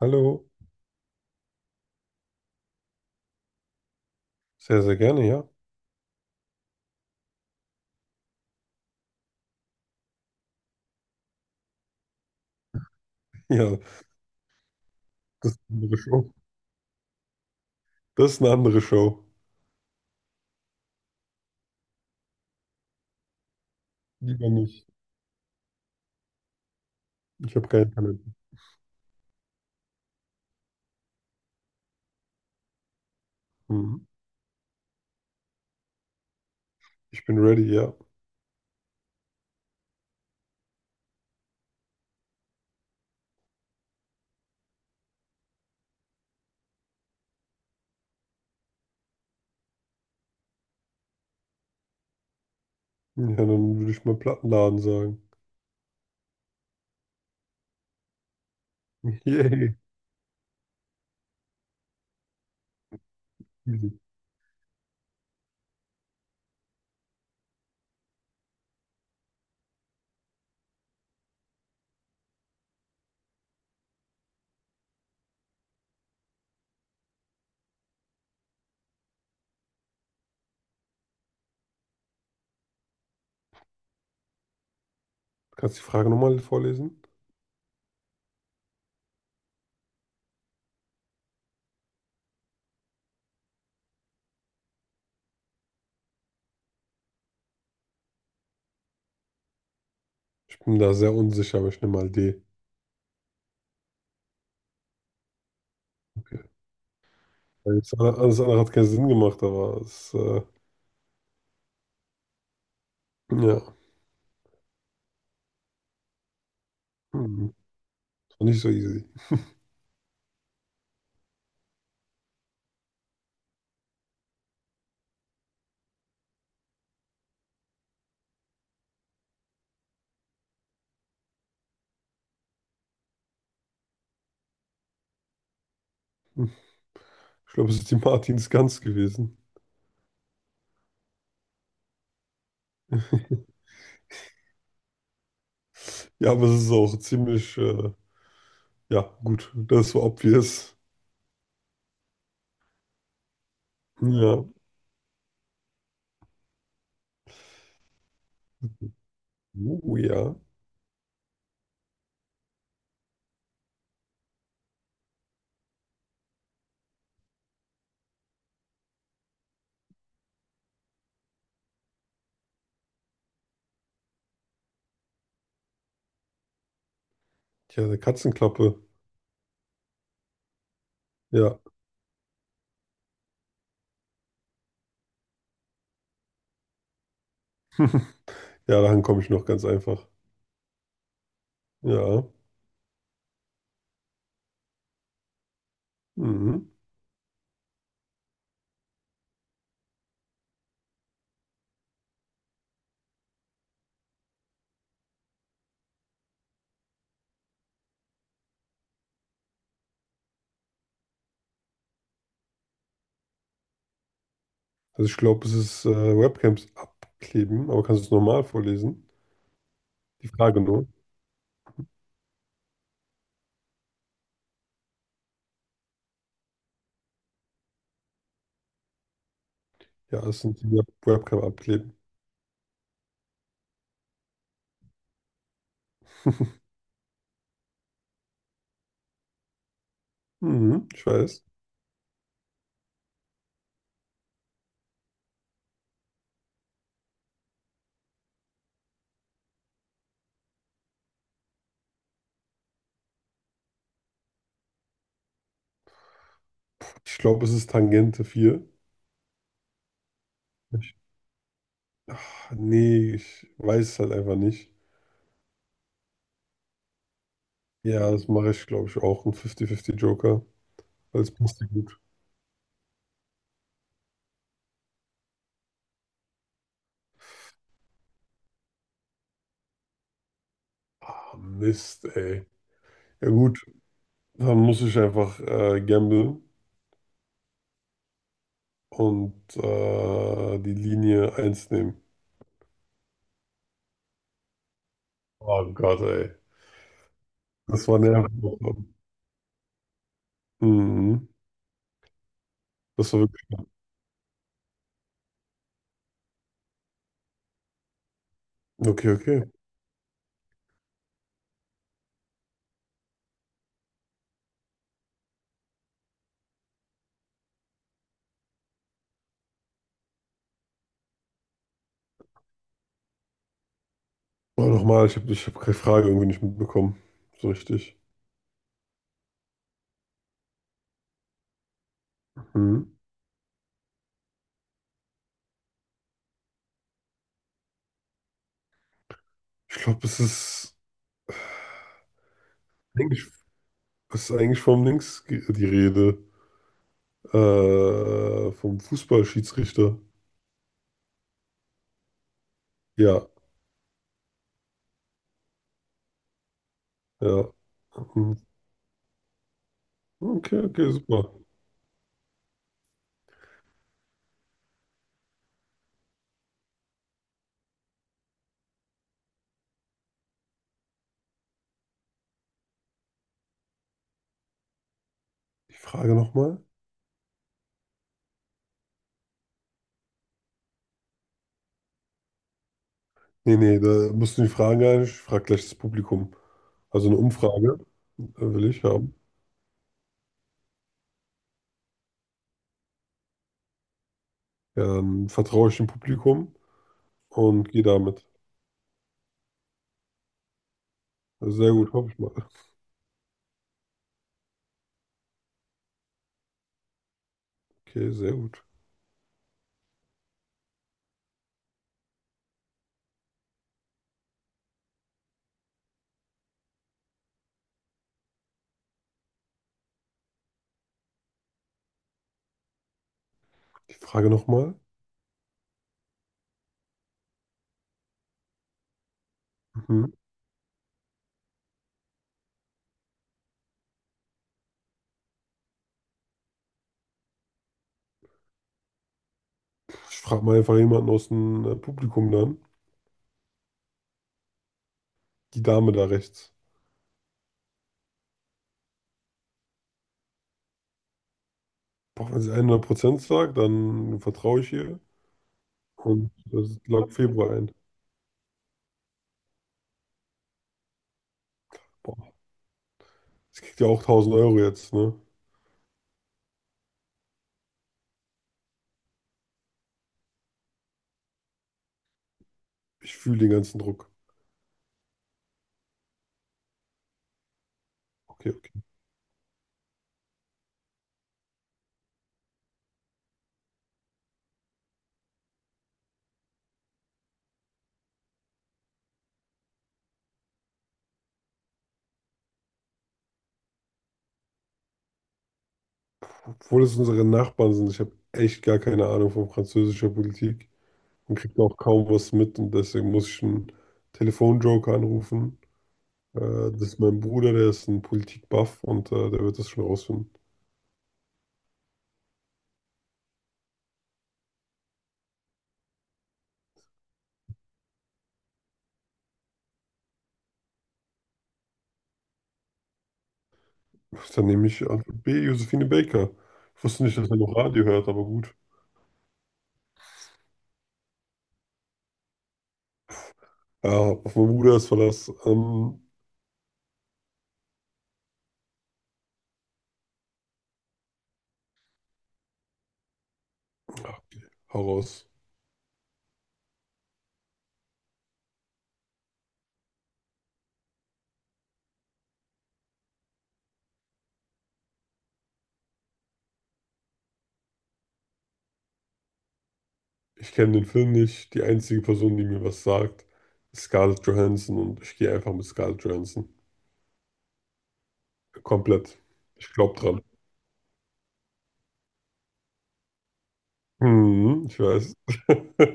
Hallo, sehr, sehr gerne, ja. Ja, das ist eine andere Show. Das ist eine andere Show. Lieber nicht. Ich habe keinen Talent. Mhm. Ich bin ready, ja. Ja, dann würde ich mal Plattenladen sagen. Yay. Easy. Kannst du die Frage nochmal vorlesen? Ich bin da sehr unsicher, aber ich nehme mal D. Okay. Alles andere hat keinen Sinn gemacht, aber ja, hm, das war nicht so easy. Hm. Ich glaube, es ist die Martins Gans gewesen. Ja, aber es ist auch ziemlich, ja, gut. Das war obvious. Ja. Oh ja. Tja, eine Katzenklappe. Ja. Ja, daran komme ich noch ganz einfach. Ja. Mhm. Also ich glaube, es ist Webcams abkleben, aber kannst du es normal vorlesen? Die Frage nur. Ja, es sind die Webcam abkleben. Mhm, ich weiß. Ich glaube, es ist Tangente 4. Ich, ach, nee, ich weiß es halt einfach nicht. Ja, das mache ich, glaube ich, auch. Ein 50-50 Joker. Weil es passt ja gut. Ah, Mist, ey. Ja gut, dann muss ich einfach gamblen. Und die Linie eins nehmen. Oh Gott, ey. Das war nervig. Mhm. Das war wirklich. Okay, okay. Aber nochmal, ich hab keine Frage irgendwie nicht mitbekommen. So richtig. Mhm. Ich glaube, eigentlich, es ist eigentlich vom die Rede. Vom Fußballschiedsrichter. Ja, ja. Mhm. Okay, okay, super. Die Frage nochmal? Nee, nee, da musst du die Fragen gar nicht. Ich frage gleich das Publikum. Also eine Umfrage will ich haben. Dann vertraue ich dem Publikum und gehe damit. Also sehr gut, hoffe ich mal. Okay, sehr gut. Die Frage nochmal. Mhm. Ich frage mal einfach jemanden aus dem Publikum dann. Die Dame da rechts. Boah, wenn sie 100% sagt, dann vertraue ich ihr. Und das log Februar ein. Boah, sie kriegt ja auch 1000 Euro jetzt, ne? Ich fühle den ganzen Druck. Okay, okay. Obwohl es unsere Nachbarn sind, ich habe echt gar keine Ahnung von französischer Politik und kriege auch kaum was mit und deswegen muss ich einen Telefonjoker anrufen. Äh, das ist mein Bruder, der ist ein Politik-Buff und der wird das schon rausfinden. Dann nehme ich Antwort B, Josephine Baker. Ich wusste nicht, dass er noch Radio hört, aber gut. Ja, auf meinen Bruder ist Verlass. Ja, hau raus. Ich kenne den Film nicht. Die einzige Person, die mir was sagt, ist Scarlett Johansson und ich gehe einfach mit Scarlett Johansson. Komplett. Ich glaube dran. Hm, ich weiß.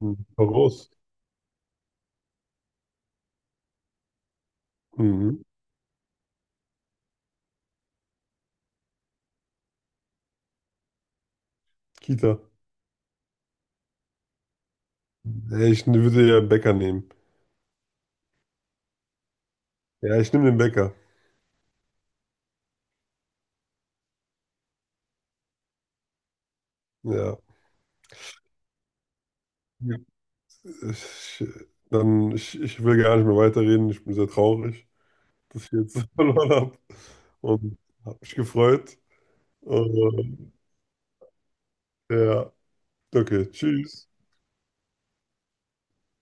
Hm, hau raus. Mhm. Kita. Ja, ich würde ja einen Bäcker nehmen. Ja, ich nehme den Bäcker. Ja. Ich, dann, ich will gar nicht mehr weiterreden. Ich bin sehr traurig, dass ich jetzt verloren habe und habe mich gefreut. Und, ja, okay, tschüss.